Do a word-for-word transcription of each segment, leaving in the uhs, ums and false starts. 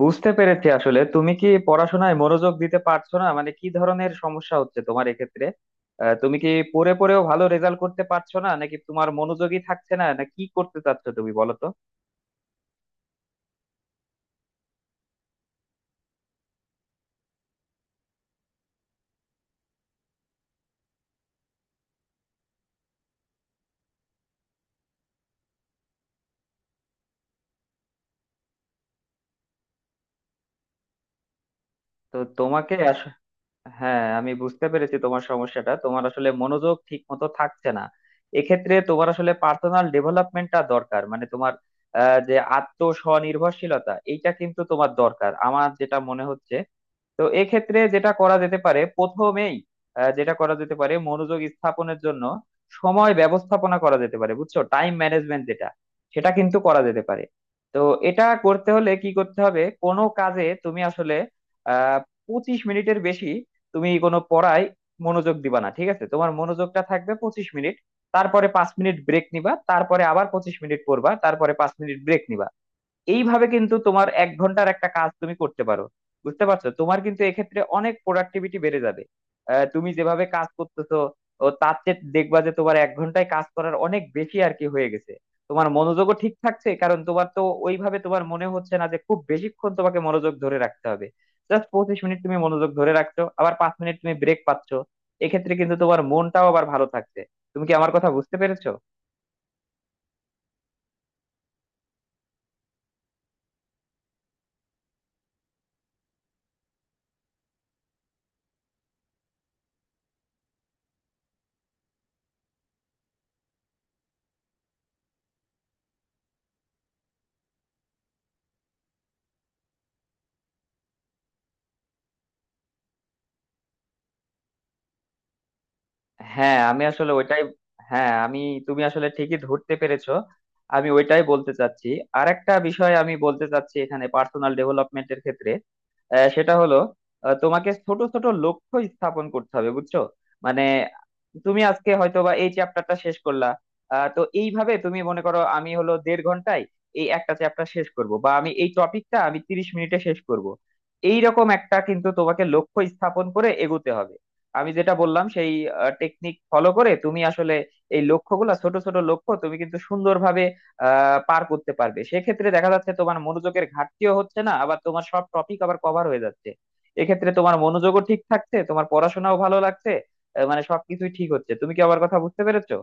বুঝতে পেরেছি। আসলে তুমি কি পড়াশোনায় মনোযোগ দিতে পারছো না? মানে কি ধরনের সমস্যা হচ্ছে তোমার এক্ষেত্রে? আহ, তুমি কি পড়ে পড়েও ভালো রেজাল্ট করতে পারছো না, নাকি তোমার মনোযোগই থাকছে না? না কি করতে চাচ্ছ তুমি, বলো তো। তো তোমাকে আস- হ্যাঁ, আমি বুঝতে পেরেছি তোমার সমস্যাটা। তোমার আসলে মনোযোগ ঠিক মতো থাকছে না। এক্ষেত্রে তোমার আসলে পার্সোনাল ডেভেলপমেন্টটা দরকার, মানে তোমার আহ, যে আত্ম স্বনির্ভরশীলতা, এইটা কিন্তু তোমার দরকার, আমার যেটা মনে হচ্ছে। তো এক্ষেত্রে যেটা করা যেতে পারে প্রথমেই, আহ, যেটা করা যেতে পারে মনোযোগ স্থাপনের জন্য, সময় ব্যবস্থাপনা করা যেতে পারে, বুঝছো? টাইম ম্যানেজমেন্ট যেটা, সেটা কিন্তু করা যেতে পারে। তো এটা করতে হলে কি করতে হবে, কোনো কাজে তুমি আসলে আহ পঁচিশ মিনিটের বেশি তুমি কোনো পড়ায় মনোযোগ দিবা না। ঠিক আছে? তোমার মনোযোগটা থাকবে পঁচিশ মিনিট। তারপরে পাঁচ মিনিট ব্রেক নিবা, তারপরে আবার পঁচিশ মিনিট পড়বা, তারপরে পাঁচ মিনিট ব্রেক নিবা। এইভাবে কিন্তু তোমার এক ঘন্টার একটা কাজ তুমি করতে পারো। বুঝতে পারছো? তোমার কিন্তু এক্ষেত্রে অনেক প্রোডাক্টিভিটি বেড়ে যাবে। আহ, তুমি যেভাবে কাজ করতেছো ও তার চেয়ে দেখবা যে তোমার এক ঘন্টায় কাজ করার অনেক বেশি আর কি হয়ে গেছে। তোমার মনোযোগও ঠিক থাকছে, কারণ তোমার তো ওইভাবে তোমার মনে হচ্ছে না যে খুব বেশিক্ষণ তোমাকে মনোযোগ ধরে রাখতে হবে। জাস্ট পঁচিশ মিনিট তুমি মনোযোগ ধরে রাখছো, আবার পাঁচ মিনিট তুমি ব্রেক পাচ্ছ। এক্ষেত্রে কিন্তু তোমার মনটাও আবার ভালো থাকছে। তুমি কি আমার কথা বুঝতে পেরেছো? হ্যাঁ, আমি আসলে ওইটাই। হ্যাঁ। আমি তুমি আসলে ঠিকই ধরতে পেরেছো। আমি ওইটাই বলতে চাচ্ছি। আর একটা বিষয় আমি বলতে চাচ্ছি এখানে, পার্সোনাল ডেভেলপমেন্টের ক্ষেত্রে। আহ, সেটা হলো, আহ, তোমাকে ছোট ছোট লক্ষ্য স্থাপন করতে হবে, বুঝছো? মানে, তুমি আজকে হয়তো বা এই চ্যাপ্টারটা শেষ করলা। আহ, তো এইভাবে তুমি মনে করো, আমি হলো দেড় ঘন্টায় এই একটা চ্যাপ্টার শেষ করব, বা আমি এই টপিকটা আমি তিরিশ মিনিটে শেষ করব। এইরকম একটা কিন্তু তোমাকে লক্ষ্য স্থাপন করে এগোতে হবে। আমি যেটা বললাম সেই টেকনিক ফলো করে তুমি আসলে এই লক্ষ্যগুলো, ছোট ছোট লক্ষ্য, তুমি কিন্তু সুন্দরভাবে আহ, পার করতে পারবে। সেক্ষেত্রে দেখা যাচ্ছে তোমার মনোযোগের ঘাটতিও হচ্ছে না, আবার তোমার সব টপিক আবার কভার হয়ে যাচ্ছে। এক্ষেত্রে তোমার মনোযোগও ঠিক থাকছে, তোমার পড়াশোনাও ভালো লাগছে। আহ, মানে সবকিছুই ঠিক হচ্ছে। তুমি কি আমার কথা বুঝতে পেরেছো?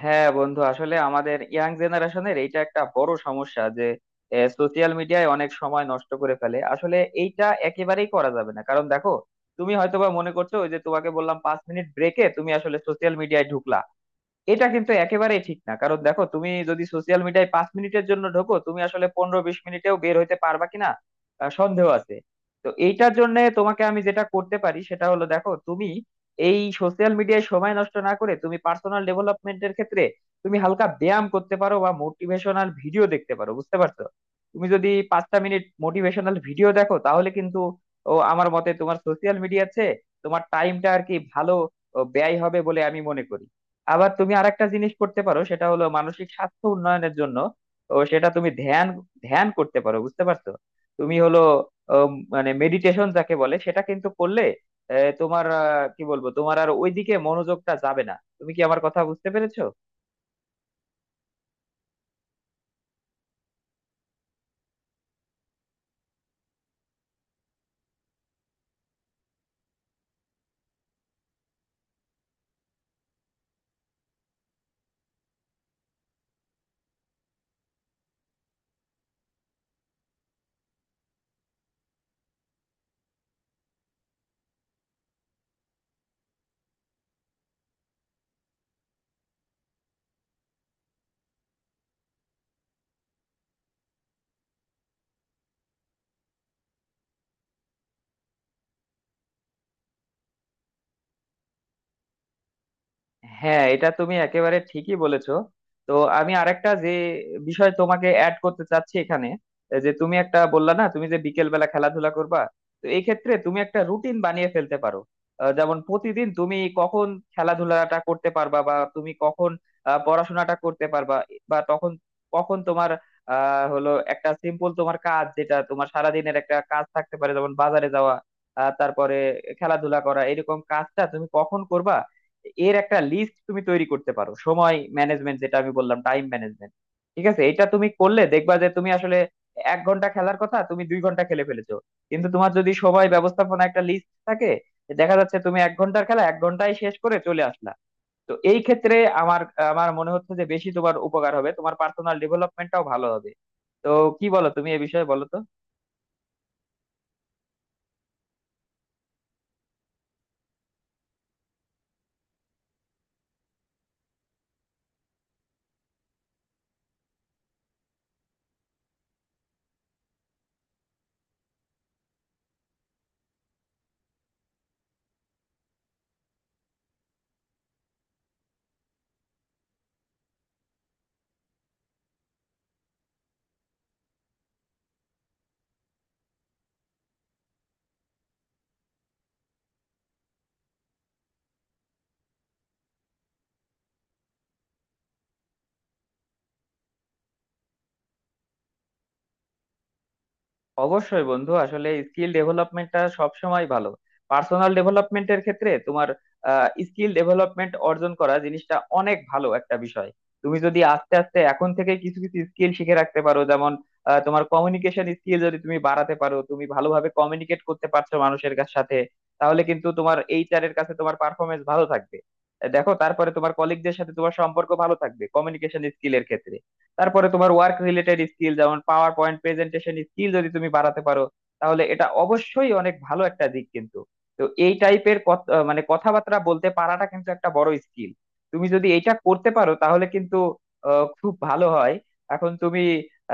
হ্যাঁ বন্ধু, আসলে আমাদের ইয়াং জেনারেশনের এইটা একটা বড় সমস্যা যে সোশিয়াল মিডিয়ায় অনেক সময় নষ্ট করে ফেলে আসলে। এইটা একেবারেই করা যাবে না, কারণ দেখো, তুমি হয়তোবা মনে করছো ওই যে তোমাকে বললাম পাঁচ মিনিট ব্রেকে তুমি আসলে সোশিয়াল মিডিয়ায় ঢুকলা। এটা কিন্তু একেবারেই ঠিক না, কারণ দেখো, তুমি যদি সোশ্যাল মিডিয়ায় পাঁচ মিনিটের জন্য ঢোকো, তুমি আসলে পনেরো বিশ মিনিটেও বের হইতে পারবা কিনা আহ, সন্দেহ আছে। তো এইটার জন্য তোমাকে আমি যেটা করতে পারি সেটা হলো, দেখো তুমি এই সোশ্যাল মিডিয়ায় সময় নষ্ট না করে তুমি পার্সোনাল ডেভেলপমেন্টের ক্ষেত্রে তুমি হালকা ব্যায়াম করতে পারো বা মোটিভেশনাল ভিডিও দেখতে পারো, বুঝতে পারছো? তুমি যদি পাঁচটা মিনিট মোটিভেশনাল ভিডিও দেখো, তাহলে কিন্তু ও আমার মতে তোমার সোশ্যাল মিডিয়াতে তোমার টাইমটা আর কি ভালো ও, ব্যয় হবে বলে আমি মনে করি। আবার তুমি আরেকটা জিনিস করতে পারো, সেটা হলো মানসিক স্বাস্থ্য উন্নয়নের জন্য ও সেটা তুমি ধ্যান ধ্যান করতে পারো, বুঝতে পারছো? তুমি হলো উম, মানে মেডিটেশন যাকে বলে, সেটা কিন্তু করলে আহ, তোমার আহ, কি বলবো, তোমার আর ওইদিকে মনোযোগটা যাবে না। তুমি কি আমার কথা বুঝতে পেরেছো? হ্যাঁ, এটা তুমি একেবারে ঠিকই বলেছো। তো আমি আরেকটা যে বিষয় তোমাকে অ্যাড করতে চাচ্ছি এখানে, যে তুমি একটা বললা না তুমি যে বিকেল বেলা খেলাধুলা করবা। তো এই ক্ষেত্রে তুমি একটা রুটিন বানিয়ে ফেলতে পারো। আহ, যেমন প্রতিদিন তুমি কখন খেলাধুলাটা করতে পারবা, বা তুমি কখন আহ, পড়াশোনাটা করতে পারবা, বা তখন কখন তোমার আহ হলো একটা সিম্পল তোমার কাজ, যেটা তোমার সারাদিনের একটা কাজ থাকতে পারে, যেমন বাজারে যাওয়া, আহ, তারপরে খেলাধুলা করা, এরকম কাজটা তুমি কখন করবা। এর একটা লিস্ট তুমি তৈরি করতে পারো, সময় ম্যানেজমেন্ট যেটা আমি বললাম, টাইম ম্যানেজমেন্ট। ঠিক আছে, এটা তুমি করলে দেখবা যে তুমি আসলে এক ঘন্টা খেলার কথা তুমি দুই ঘন্টা খেলে ফেলেছো। কিন্তু তোমার যদি সময় ব্যবস্থাপনা একটা লিস্ট থাকে, দেখা যাচ্ছে তুমি এক ঘন্টার খেলা এক ঘন্টায় শেষ করে চলে আসলা। তো এই ক্ষেত্রে আমার আমার মনে হচ্ছে যে বেশি তোমার উপকার হবে, তোমার পার্সোনাল ডেভেলপমেন্টটাও ভালো হবে। তো কি বলো তুমি এ বিষয়ে, বলো তো। অবশ্যই বন্ধু, আসলে স্কিল ডেভেলপমেন্টটা সব সময় ভালো। পার্সোনাল ডেভেলপমেন্টের ক্ষেত্রে তোমার স্কিল ডেভেলপমেন্ট অর্জন করা জিনিসটা অনেক ভালো একটা বিষয়। তুমি যদি আস্তে আস্তে এখন থেকে কিছু কিছু স্কিল শিখে রাখতে পারো, যেমন আহ, তোমার কমিউনিকেশন স্কিল যদি তুমি বাড়াতে পারো, তুমি ভালোভাবে কমিউনিকেট করতে পারছো মানুষের কাছ- সাথে। তাহলে কিন্তু তোমার এইচআর এর কাছে তোমার পারফরমেন্স ভালো থাকবে। দেখো, তারপরে তোমার কলিগদের সাথে তোমার সম্পর্ক ভালো থাকবে কমিউনিকেশন স্কিলের ক্ষেত্রে। তারপরে তোমার ওয়ার্ক রিলেটেড স্কিল, যেমন পাওয়ার পয়েন্ট প্রেজেন্টেশন স্কিল যদি তুমি বাড়াতে পারো, তাহলে এটা অবশ্যই অনেক ভালো একটা দিক কিন্তু। তো এই টাইপের মানে কথাবার্তা বলতে পারাটা কিন্তু একটা বড় স্কিল। তুমি যদি এটা করতে পারো তাহলে কিন্তু আহ, খুব ভালো হয়। এখন তুমি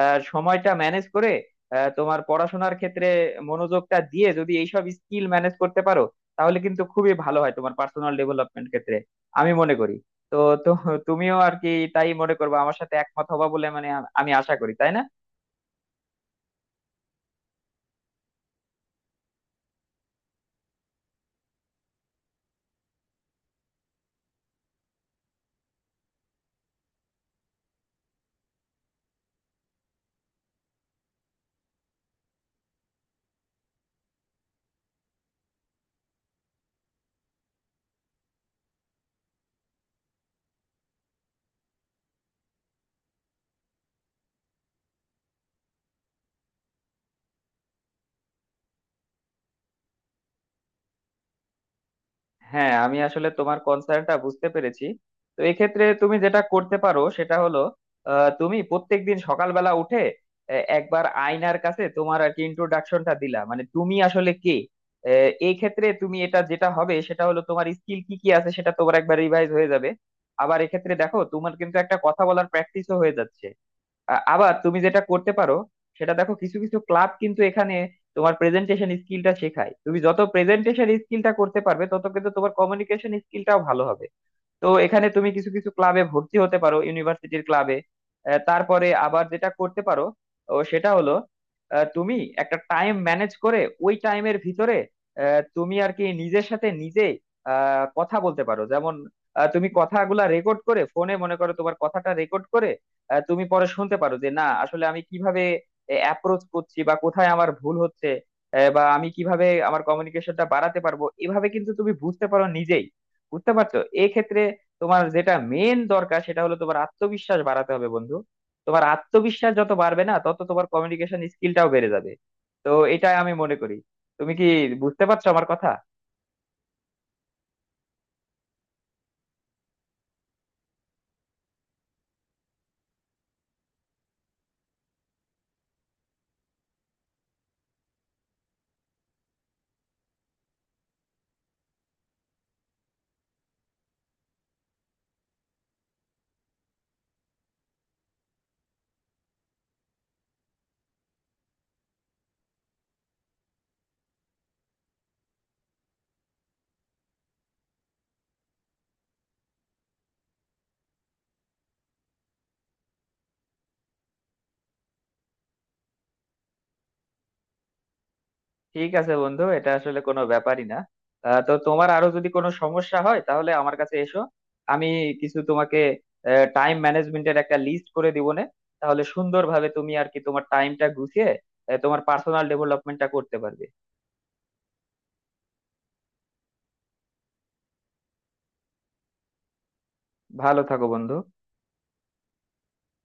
আহ, সময়টা ম্যানেজ করে, আহ, তোমার পড়াশোনার ক্ষেত্রে মনোযোগটা দিয়ে যদি এইসব স্কিল ম্যানেজ করতে পারো, তাহলে কিন্তু খুবই ভালো হয় তোমার পার্সোনাল ডেভেলপমেন্ট ক্ষেত্রে, আমি মনে করি। তো তো তুমিও আর কি তাই মনে করবো, আমার সাথে একমত হবা বলে, মানে আ- আমি আশা করি, তাই না? হ্যাঁ, আমি আসলে তোমার কনসার্নটা বুঝতে পেরেছি। তো এক্ষেত্রে তুমি যেটা করতে পারো সেটা হলো, আহ, তুমি প্রত্যেকদিন সকালবেলা উঠে আহ, একবার আয়নার কাছে তোমার আর কি ইন্ট্রোডাকশনটা দিলা, মানে তুমি আসলে কে। আহ, এই ক্ষেত্রে তুমি এটা যেটা হবে সেটা হলো, তোমার স্কিল কি কি আছে সেটা তোমার একবার রিভাইজ হয়ে যাবে। আবার এক্ষেত্রে দেখো, তোমার কিন্তু একটা কথা বলার প্র্যাকটিসও হয়ে যাচ্ছে। আ- আবার তুমি যেটা করতে পারো, সেটা দেখো কিছু কিছু ক্লাব কিন্তু এখানে তোমার প্রেজেন্টেশন স্কিলটা শেখায়। তুমি যত প্রেজেন্টেশন স্কিলটা করতে পারবে তত কিন্তু তোমার কমিউনিকেশন স্কিলটাও ভালো হবে। তো এখানে তুমি কিছু কিছু ক্লাবে ভর্তি হতে পারো, ইউনিভার্সিটির ক্লাবে। তারপরে আবার যেটা করতে পারো ও সেটা হলো, আহ, তুমি একটা টাইম ম্যানেজ করে ওই টাইমের ভিতরে আহ, তুমি আর কি নিজের সাথে নিজে আহ, কথা বলতে পারো, যেমন আহ, তুমি কথাগুলা রেকর্ড করে ফোনে, মনে করো তোমার কথাটা রেকর্ড করে আহ, তুমি পরে শুনতে পারো যে না আসলে আমি কিভাবে অ্যাপ্রোচ করছি, বা কোথায় আমার ভুল হচ্ছে, আহ, বা আমি কিভাবে আমার কমিউনিকেশনটা বাড়াতে পারবো। এভাবে কিন্তু তুমি বুঝতে পারো নিজেই, বুঝতে পারছো? এক্ষেত্রে তোমার যেটা মেন দরকার সেটা হলো, তোমার আত্মবিশ্বাস বাড়াতে হবে বন্ধু। তোমার আত্মবিশ্বাস যত বাড়বে না তত তোমার কমিউনিকেশন স্কিলটাও বেড়ে যাবে। তো এটা আমি মনে করি। তুমি কি বুঝতে পারছো আমার কথা? ঠিক আছে বন্ধু, এটা আসলে কোনো ব্যাপারই না। আহ, তো তোমার আরো যদি কোনো সমস্যা হয় তাহলে আমার কাছে এসো, আমি কিছু তোমাকে টাইম ম্যানেজমেন্টের একটা লিস্ট করে দিব না। তাহলে সুন্দরভাবে তুমি আর কি তোমার টাইমটা গুছিয়ে আহ, তোমার পার্সোনাল ডেভেলপমেন্টটা করতে পারবে। ভালো থাকো বন্ধু।